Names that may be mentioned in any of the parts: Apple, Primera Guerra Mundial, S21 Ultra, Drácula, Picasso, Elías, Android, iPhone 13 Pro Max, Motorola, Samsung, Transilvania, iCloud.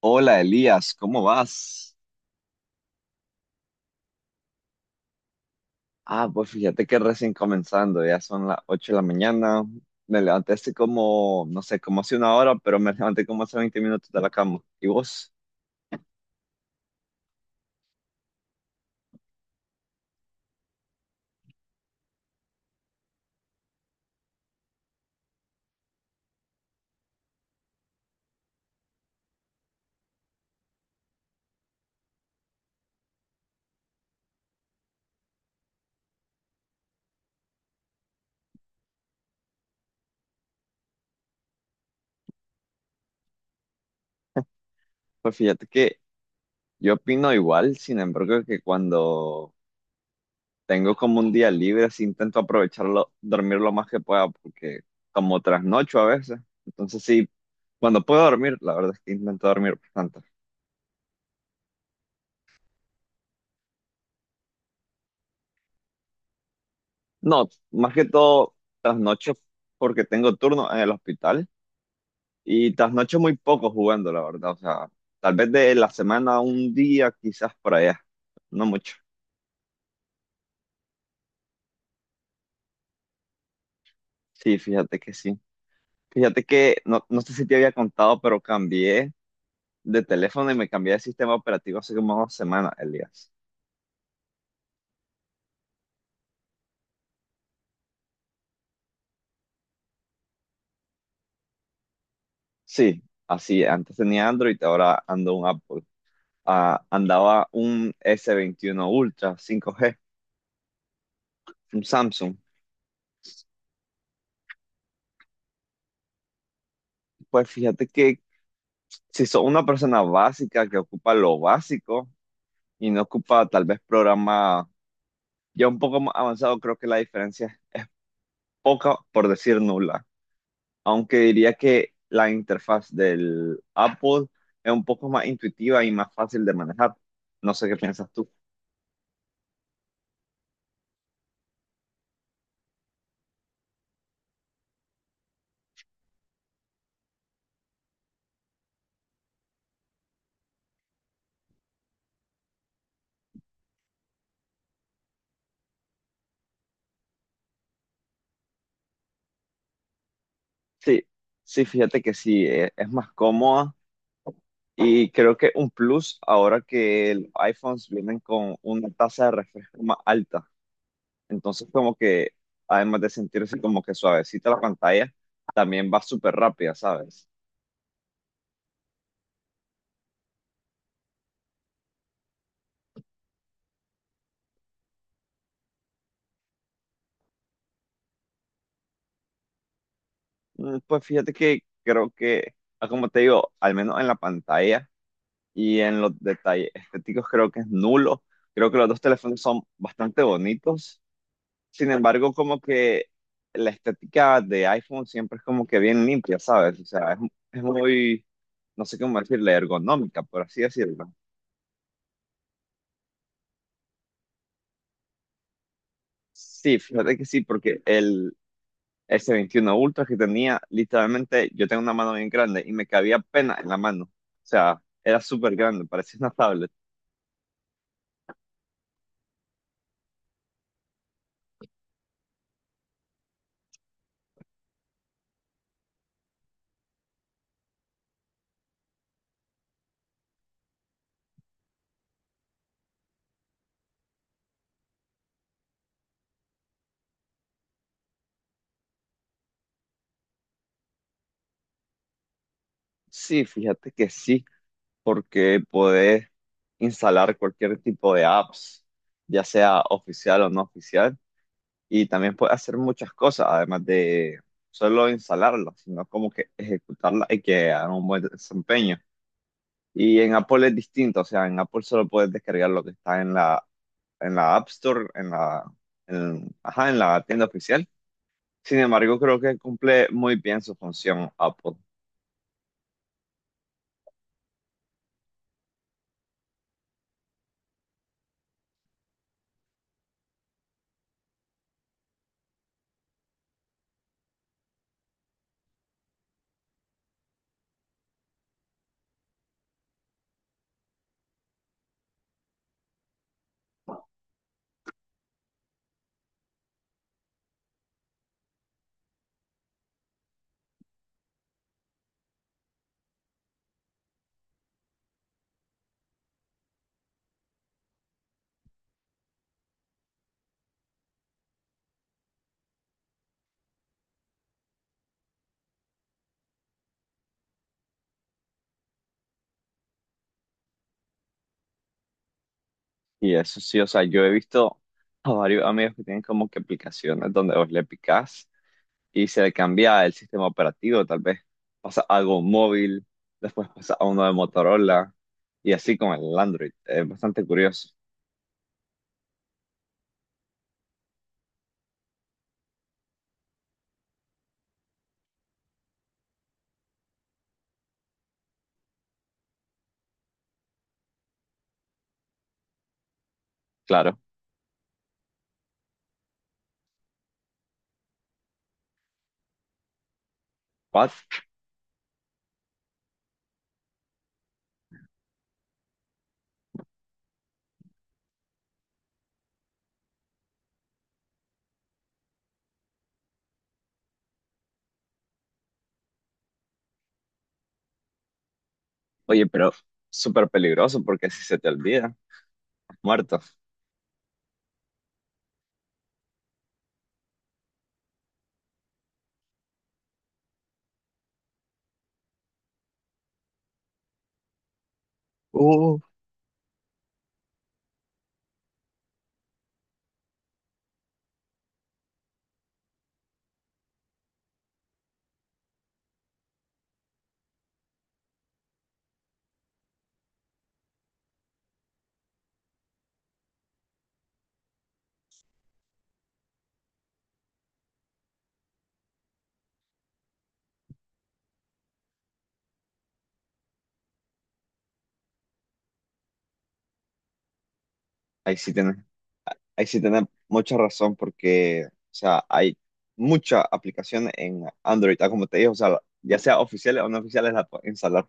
Hola Elías, ¿cómo vas? Ah, pues fíjate que recién comenzando, ya son las 8 de la mañana. Me levanté hace como, no sé, como hace una hora, pero me levanté como hace 20 minutos de la cama. ¿Y vos? Pues fíjate que yo opino igual, sin embargo, que cuando tengo como un día libre, sí intento aprovecharlo, dormir lo más que pueda, porque como trasnocho a veces. Entonces sí, cuando puedo dormir, la verdad es que intento dormir bastante. No, más que todo trasnocho porque tengo turno en el hospital. Y trasnocho muy poco jugando, la verdad. O sea, tal vez de la semana un día, quizás por allá. No mucho. Sí. Fíjate que no, no sé si te había contado, pero cambié de teléfono y me cambié de sistema operativo hace como 2 semanas, Elías. Sí, así. Antes tenía Android, ahora ando un Apple. Ah, andaba un S21 Ultra 5G, un Samsung. Pues fíjate que si sos una persona básica que ocupa lo básico y no ocupa tal vez programas ya un poco más avanzado, creo que la diferencia es poca, por decir nula. Aunque diría que la interfaz del Apple es un poco más intuitiva y más fácil de manejar. No sé qué piensas tú. Sí, sí, fíjate que sí, es más cómoda y creo que un plus ahora que los iPhones vienen con una tasa de refresco más alta. Entonces, como que además de sentirse como que suavecita la pantalla, también va súper rápida, ¿sabes? Pues fíjate que creo que, como te digo, al menos en la pantalla y en los detalles estéticos creo que es nulo. Creo que los dos teléfonos son bastante bonitos. Sin embargo, como que la estética de iPhone siempre es como que bien limpia, ¿sabes? O sea, es muy, no sé cómo decirle, ergonómica, por así decirlo. Sí, fíjate que sí, porque el S21 Ultra que tenía, literalmente, yo tengo una mano bien grande y me cabía pena en la mano. O sea, era súper grande, parecía una tablet. Sí, fíjate que sí, porque podés instalar cualquier tipo de apps, ya sea oficial o no oficial, y también puedes hacer muchas cosas, además de solo instalarlas, sino como que ejecutarlas y que hagan un buen desempeño. Y en Apple es distinto, o sea, en Apple solo puedes descargar lo que está en la, App Store, ajá, en la tienda oficial. Sin embargo, creo que cumple muy bien su función Apple. Y eso sí, o sea, yo he visto a varios amigos que tienen como que aplicaciones donde vos le picás y se le cambia el sistema operativo, tal vez pasa algo móvil, después pasa a uno de Motorola y así con el Android. Es bastante curioso, claro. ¿What? Oye, pero súper peligroso porque si se te olvida, muerto. Uh, Ahí sí tenés, ahí sí tenés mucha razón porque, o sea, hay muchas aplicaciones en Android, como te dije, o sea, ya sea oficiales o no oficiales, las puedes instalar.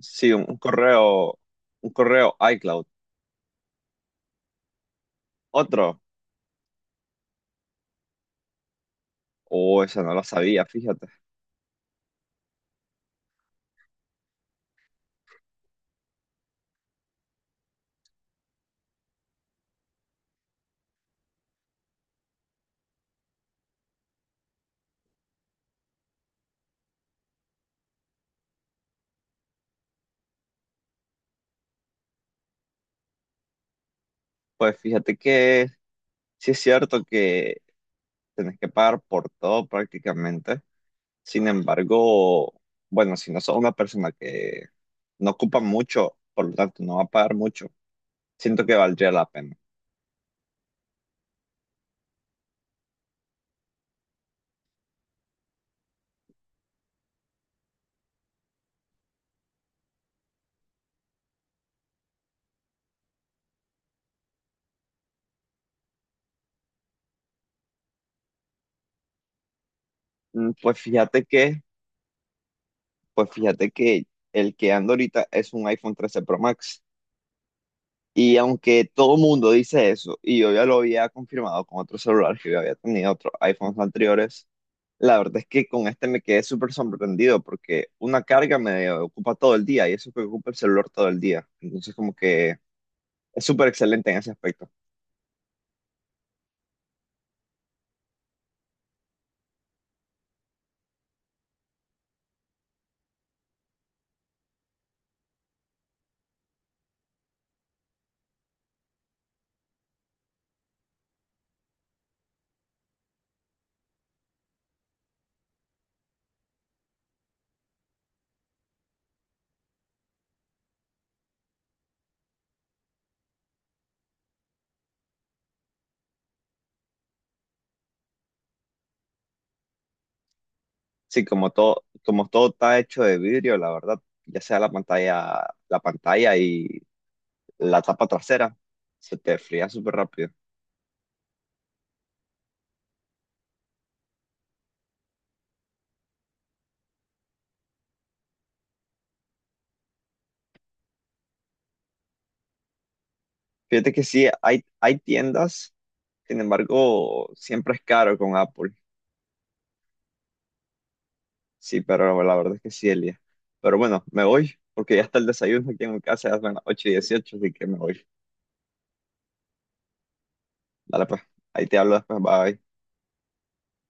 Sí, un correo, un correo iCloud. Otro, oh, esa no la sabía, fíjate. Pues fíjate que sí es cierto que tenés que pagar por todo prácticamente. Sin embargo, bueno, si no sos una persona que no ocupa mucho, por lo tanto no va a pagar mucho, siento que valdría la pena. Mm, Pues fíjate que, pues fíjate que el que ando ahorita es un iPhone 13 Pro Max. Y aunque todo mundo dice eso, y yo ya lo había confirmado con otros celulares que yo había tenido, otros iPhones anteriores, la verdad es que con este me quedé súper sorprendido porque una carga me ocupa todo el día y eso que ocupa el celular todo el día. Entonces como que es súper excelente en ese aspecto. Sí, como todo está hecho de vidrio, la verdad, ya sea la pantalla, y la tapa trasera, se te fría súper rápido. Fíjate que sí, hay tiendas. Sin embargo, siempre es caro con Apple. Sí, pero la verdad es que sí, Elia. Pero bueno, me voy porque ya está el desayuno aquí en mi casa, ya son las 8 y dieciocho, así que me voy. Dale pues, ahí te hablo después, bye.